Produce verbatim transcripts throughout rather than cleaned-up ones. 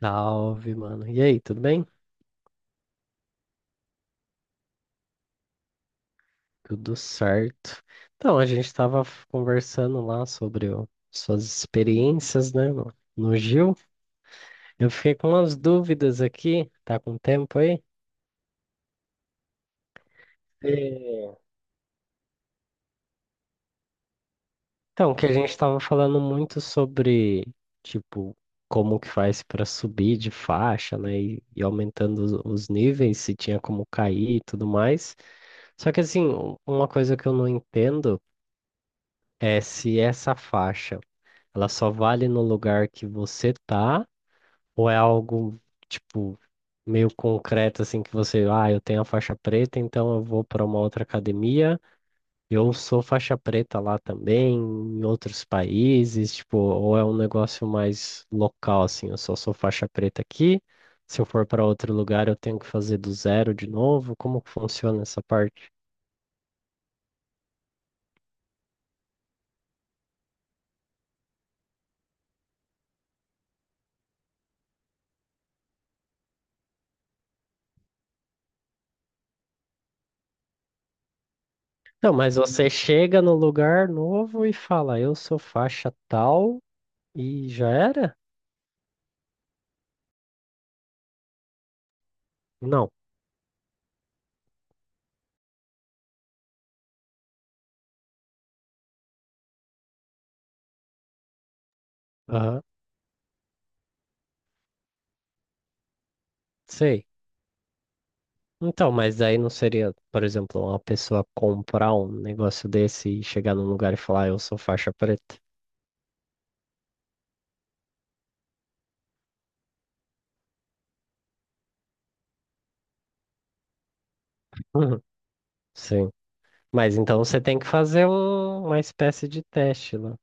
Salve, mano. E aí, tudo bem? Tudo certo. Então, a gente tava f- conversando lá sobre o- suas experiências, né, no, no Gil. Eu fiquei com umas dúvidas aqui, tá com tempo aí? É. Então, que a gente tava falando muito sobre, tipo, como que faz pra subir de faixa, né, e, e aumentando os, os níveis, se tinha como cair e tudo mais. Só que, assim, um- uma coisa que eu não entendo é se essa faixa. Ela só vale no lugar que você tá, ou é algo, tipo, meio concreto, assim, que você, ah, eu tenho a faixa preta, então eu vou para uma outra academia, eu sou faixa preta lá também, em outros países, tipo, ou é um negócio mais local, assim, eu só sou faixa preta aqui, se eu for para outro lugar eu tenho que fazer do zero de novo, como que funciona essa parte? Não, mas você chega no lugar novo e fala, eu sou faixa tal e já era? Não. Aham, sei. Então, mas daí não seria, por exemplo, uma pessoa comprar um negócio desse e chegar num lugar e falar, "Ah, eu sou faixa preta." Uhum. Sim. Mas então você tem que fazer um- uma espécie de teste lá.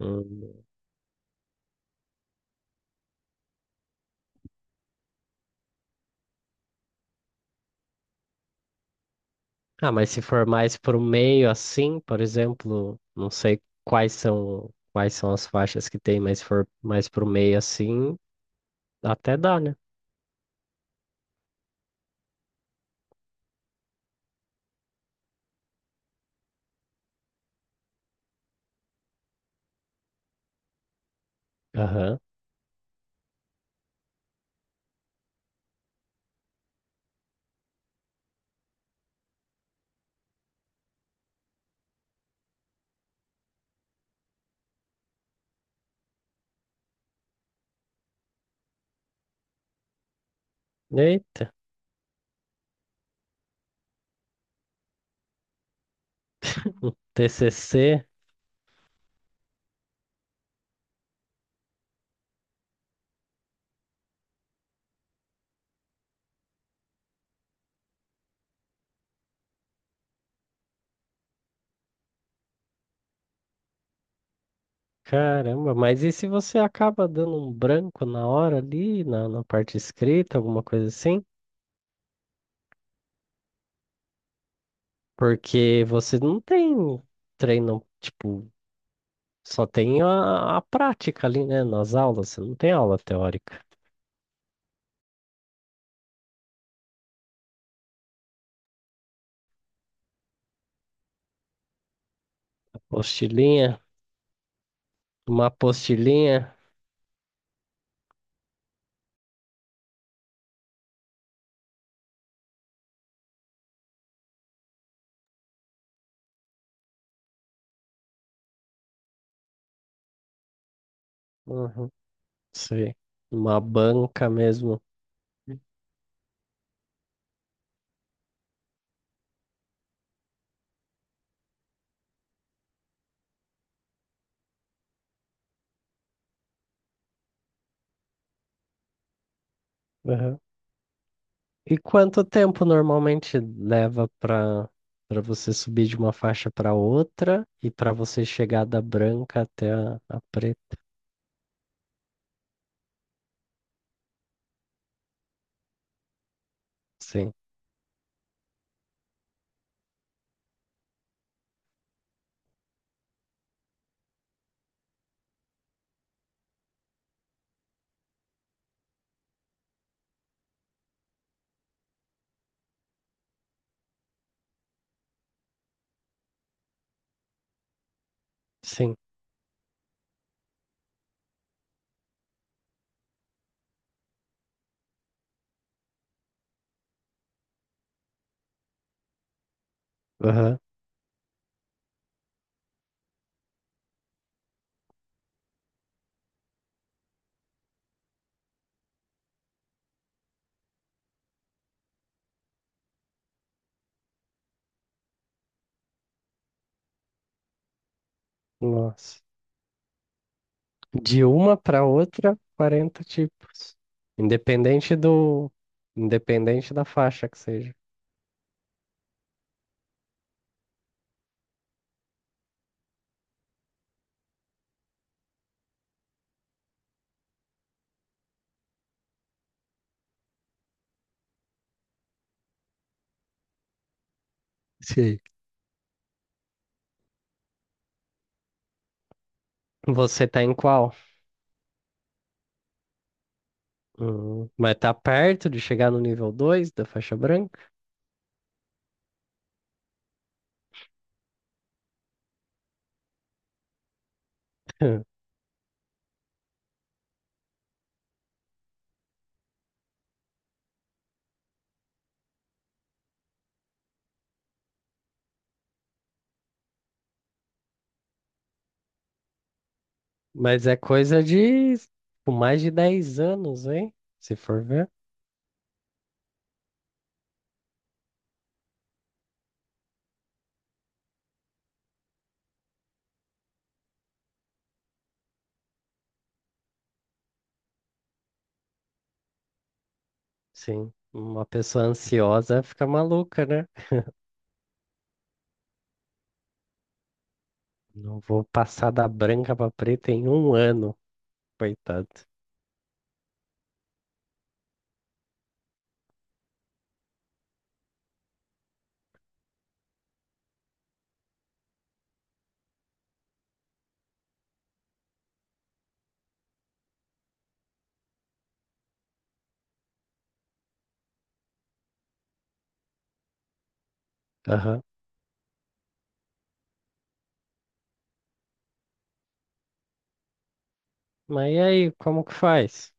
Hum. Ah, mas se for mais pro meio assim, por exemplo, não sei quais são quais são as faixas que tem, mas se for mais pro meio assim, até dá, né? Aham. Eita, T C C. Caramba, mas e se você acaba dando um branco na hora ali, na, na parte escrita, alguma coisa assim? Porque você não tem treino, tipo, só tem a, a prática ali, né? Nas aulas, você não tem aula teórica. Apostilinha, uma apostilinha, uhum, sei, uma banca mesmo. Uhum. E quanto tempo normalmente leva para para você subir de uma faixa para outra e para você chegar da branca até a, a preta? Sim, sim. Aham. Nossa. De uma para outra, quarenta tipos. Independente do. Independente da faixa que seja. Sei. Você tá em qual? Hum, mas tá perto de chegar no nível dois da faixa branca? Hum. Mas é coisa de tipo, mais de dez anos, hein? Se for ver. Sim. Uma pessoa ansiosa fica maluca, né? Não vou passar da branca pra preta em um ano, coitado. Mas e aí, como que faz?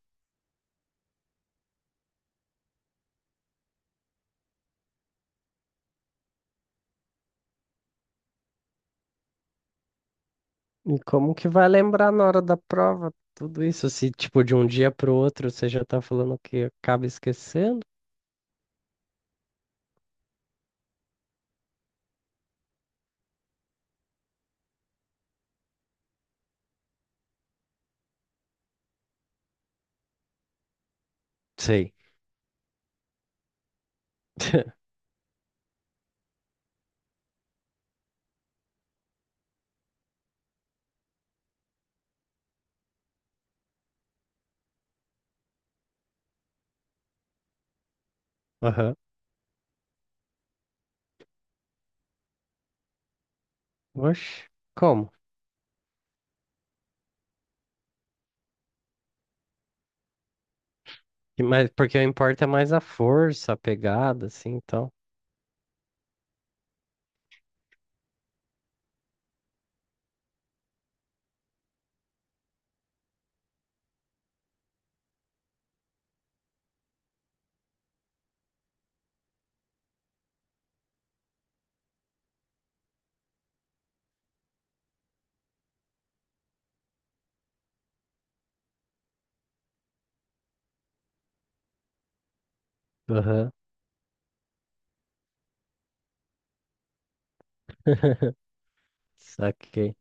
E como que vai lembrar na hora da prova tudo isso? Se, tipo, de um dia pro outro você já tá falando que acaba esquecendo? Sei. Aham. Oxe, como? E Mas, porque o importa é mais a força, a pegada, assim, então. Aham. Saquei.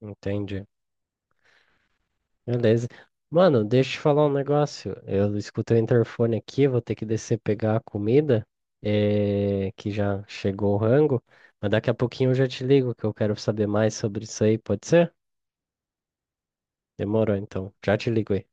Entendi. Beleza. Mano, deixa eu te falar um negócio. Eu escutei o interfone aqui, vou ter que descer pegar a comida, eh, que já chegou o rango. Mas daqui a pouquinho eu já te ligo, que eu quero saber mais sobre isso aí, pode ser? Demorou, então. Já te ligo aí.